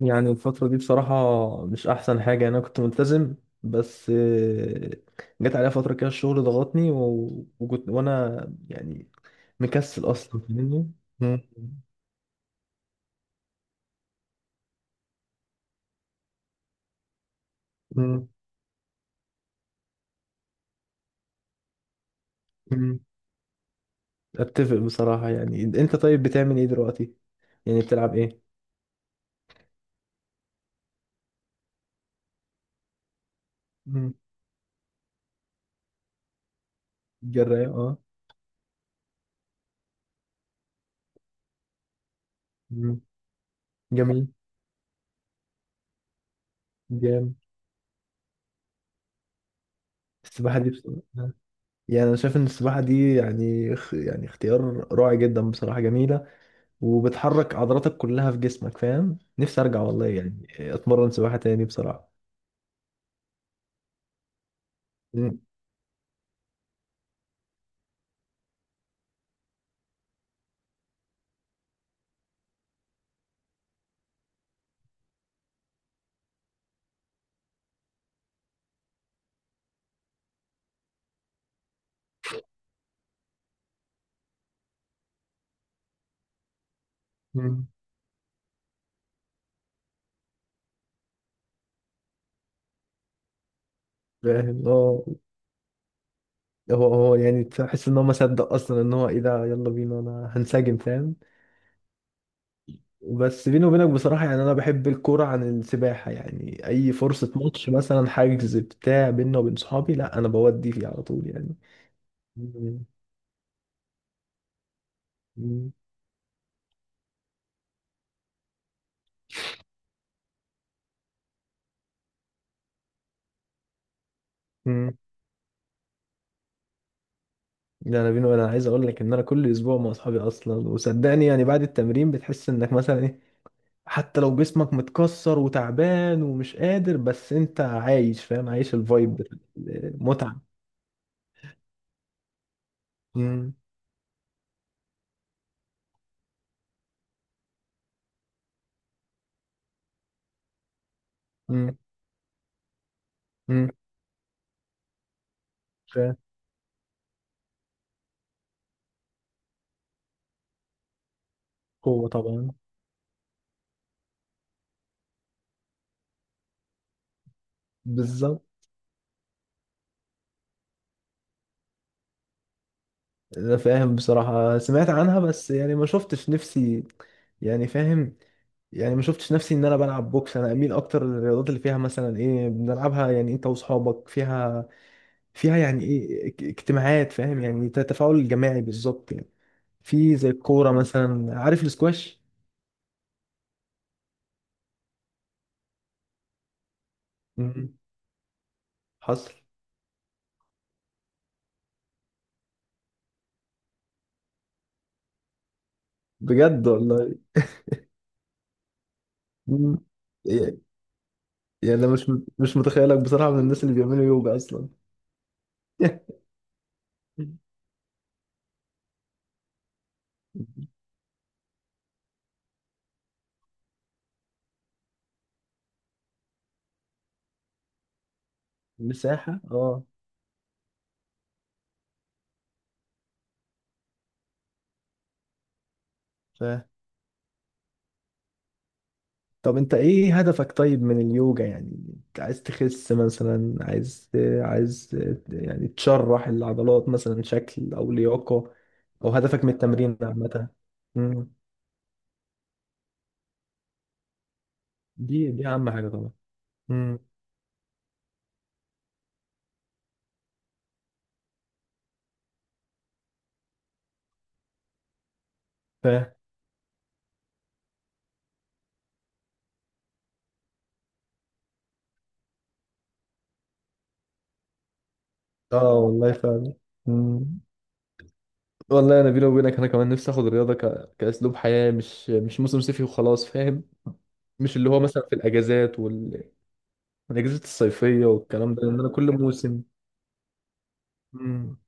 يعني الفترة دي بصراحة مش أحسن حاجة، يعني أنا كنت ملتزم بس جت عليا فترة كده، الشغل ضغطني وكنت وأنا يعني مكسل أصلا، فاهمني. مم. مم. مم. أتفق بصراحة. يعني أنت طيب، بتعمل إيه دلوقتي؟ يعني بتلعب إيه؟ مم. جراية أه. مم. جميل. جامد. السباحة دي بصراحة، يعني أنا شايف إن السباحة دي يعني يعني اختيار رائع جدا، بصراحة جميلة. وبتحرك عضلاتك كلها في جسمك، فاهم. نفسي ارجع والله، يعني اتمرن سباحة تاني بصراحة. مم. مم. فاهم اه. هو هو يعني تحس ان هو ما صدق اصلا ان هو ايه ده، يلا بينا، انا هنسجم، فاهم. بس بيني وبينك بصراحة، يعني انا بحب الكورة عن السباحة. يعني اي فرصة ماتش مثلا حاجز بتاع بينا وبين صحابي، لا انا بودي فيه على طول يعني. مم. مم. مم. ده انا بيني وبينك، انا عايز اقول لك ان انا كل اسبوع مع اصحابي اصلا. وصدقني يعني بعد التمرين بتحس انك مثلا إيه، حتى لو جسمك متكسر وتعبان ومش قادر، بس انت عايش، فاهم، عايش الفايب بتاع المتعة. مم. مم. مم. فاهم. قوة طبعا. بالظبط. انا فاهم بصراحة، سمعت عنها بس يعني ما شفتش نفسي. يعني فاهم. يعني ما شفتش نفسي ان انا بلعب بوكس. انا اميل اكتر للرياضات اللي فيها مثلا ايه بنلعبها، يعني انت واصحابك. فيها يعني ايه اجتماعات، فاهم، يعني تفاعل جماعي بالظبط يعني. في زي الكورة مثلا، عارف؟ السكواش. حصل. بجد والله. مم. إيه، يعني انا مش متخيلك بصراحة من الناس اللي بيعملوا يوجا اصلا. مساحة اه. ف طب انت ايه هدفك طيب من اليوجا يعني؟ انت عايز تخس مثلا؟ عايز، عايز يعني تشرح العضلات مثلا شكل او لياقة، او هدفك من التمرين عامة؟ مم. دي اهم حاجة طبعا. مم. ف اه والله فعلا. والله انا بيني وبينك، انا كمان نفسي اخد الرياضه كاسلوب حياه، مش موسم صيفي وخلاص، فاهم. مش اللي هو مثلا في الاجازات والاجازات الصيفيه والكلام ده، لان انا كل موسم. امم.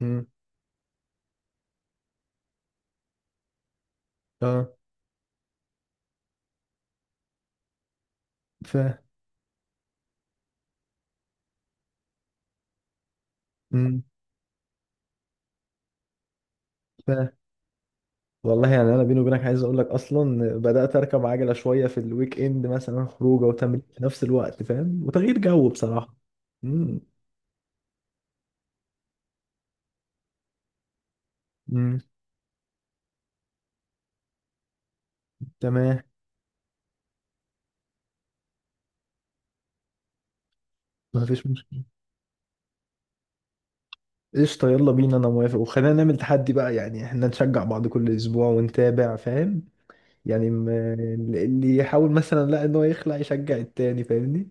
امم. اه. ف امم. ف والله يعني انا بيني وبينك، عايز اقول لك اصلا بدات اركب عجله شويه في الويك اند، مثلا خروجه وتمرين في نفس الوقت، فاهم، وتغيير جو بصراحه. امم. امم. تمام. مفيش مشكله. قشطة، يلا بينا، أنا موافق. وخلينا نعمل تحدي بقى، يعني احنا نشجع بعض كل أسبوع ونتابع، فاهم. يعني اللي يحاول مثلا، لا، إن هو يخلع، يشجع التاني فاهمني.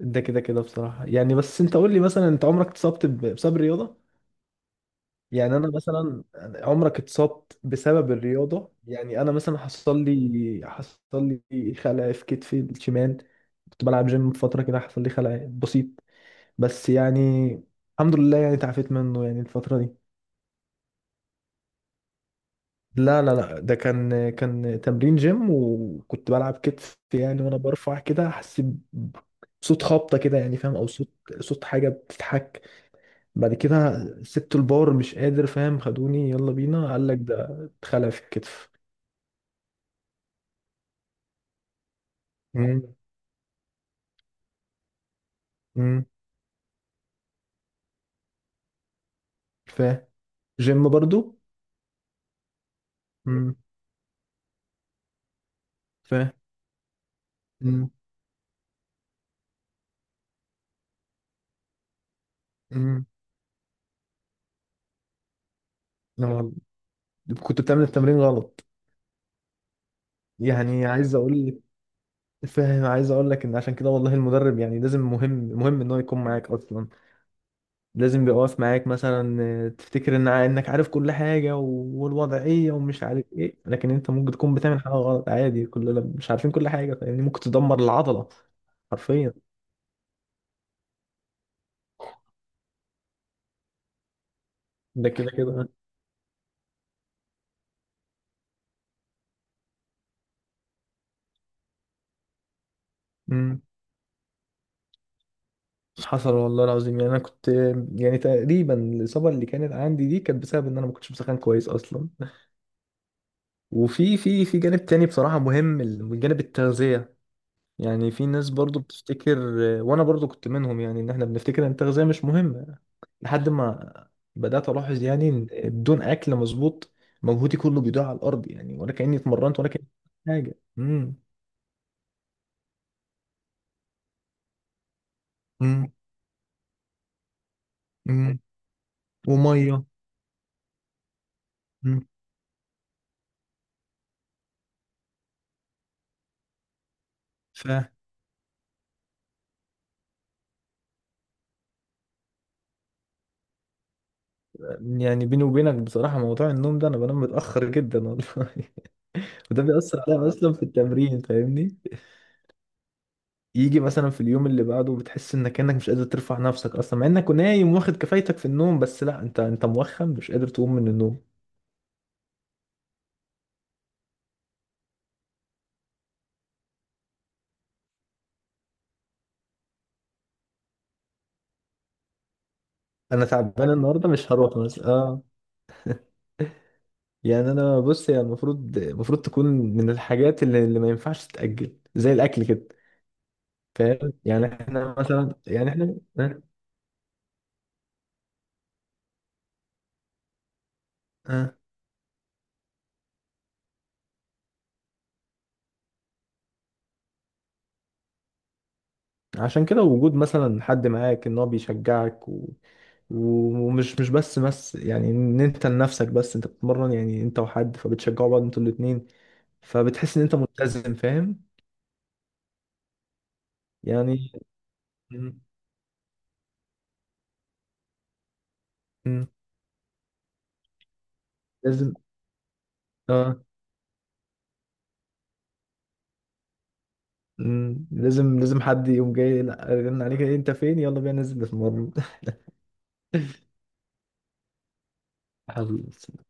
ده كده كده بصراحة يعني. بس أنت قول لي مثلا، أنت عمرك اتصبت بسبب الرياضة؟ يعني أنا مثلا عمرك اتصبت بسبب الرياضة؟ يعني أنا مثلا حصل لي خلع في كتفي الشمال. كنت بلعب جيم فترة كده، حصل لي خلع بسيط. بس يعني الحمد لله يعني تعافيت منه يعني الفترة دي. لا لا لا، ده كان تمرين جيم، وكنت بلعب كتف يعني. وانا برفع كده حسيت بصوت خبطه كده، يعني فاهم، او صوت حاجه بتتحك. بعد كده سبت البار مش قادر، فاهم. خدوني، يلا بينا. قال لك ده اتخلع في الكتف. امم. امم. فاهم، جيم برضو. امم. فاهم. امم. امم. أنا كنت بتعمل التمرين غلط. يعني عايز اقول لك، فاهم، عايز اقول لك ان عشان كده والله المدرب يعني لازم. مهم مهم ان هو يكون معاك اصلا، لازم يبقى واقف معاك مثلا. تفتكر ان انك عارف كل حاجه والوضعيه ومش عارف ايه، لكن انت ممكن تكون بتعمل حاجه غلط عادي. كلنا مش عارفين كل حاجه يعني، ممكن تدمر العضله. حرفيا. ده كده كده. امم. حصل والله العظيم يعني. انا كنت يعني تقريبا الاصابه اللي كانت عندي دي كانت بسبب ان انا ما كنتش بسخن كويس اصلا. وفي في في جانب تاني بصراحه مهم، الجانب التغذيه. يعني في ناس برضو بتفتكر، وانا برضو كنت منهم يعني، ان احنا بنفتكر ان التغذيه مش مهمه لحد ما بدأت ألاحظ يعني إن بدون أكل مظبوط مجهودي كله بيضيع على الأرض، يعني ولا كأني اتمرنت ولا كأني حاجة. امم. امم. امم. ومية. امم. ف يعني بيني وبينك بصراحة موضوع النوم ده، أنا بنام متأخر جدا والله. وده بيأثر عليا أصلا في التمرين، فاهمني. يجي مثلا في اليوم اللي بعده بتحس إنك كأنك مش قادر ترفع نفسك أصلا، مع إنك نايم واخد كفايتك في النوم، بس لا، أنت موخم، مش قادر تقوم من النوم. أنا تعبان النهاردة مش هروح مثلا يعني انا بص، هي المفروض، تكون من الحاجات اللي ما ينفعش تتأجل زي الاكل كده، فاهم. يعني احنا مثلا، يعني احنا آه. عشان كده وجود مثلا حد معاك ان هو بيشجعك ومش مش بس يعني ان انت لنفسك، بس انت بتتمرن يعني انت وحد، فبتشجعوا بعض انتوا الاتنين، فبتحس ان انت ملتزم، فاهم. يعني م- م- لازم اه م- لازم لازم حد يقوم جاي، لا، رن عليك إيه، انت فين، يلا بينا ننزل نتمرن. حلو.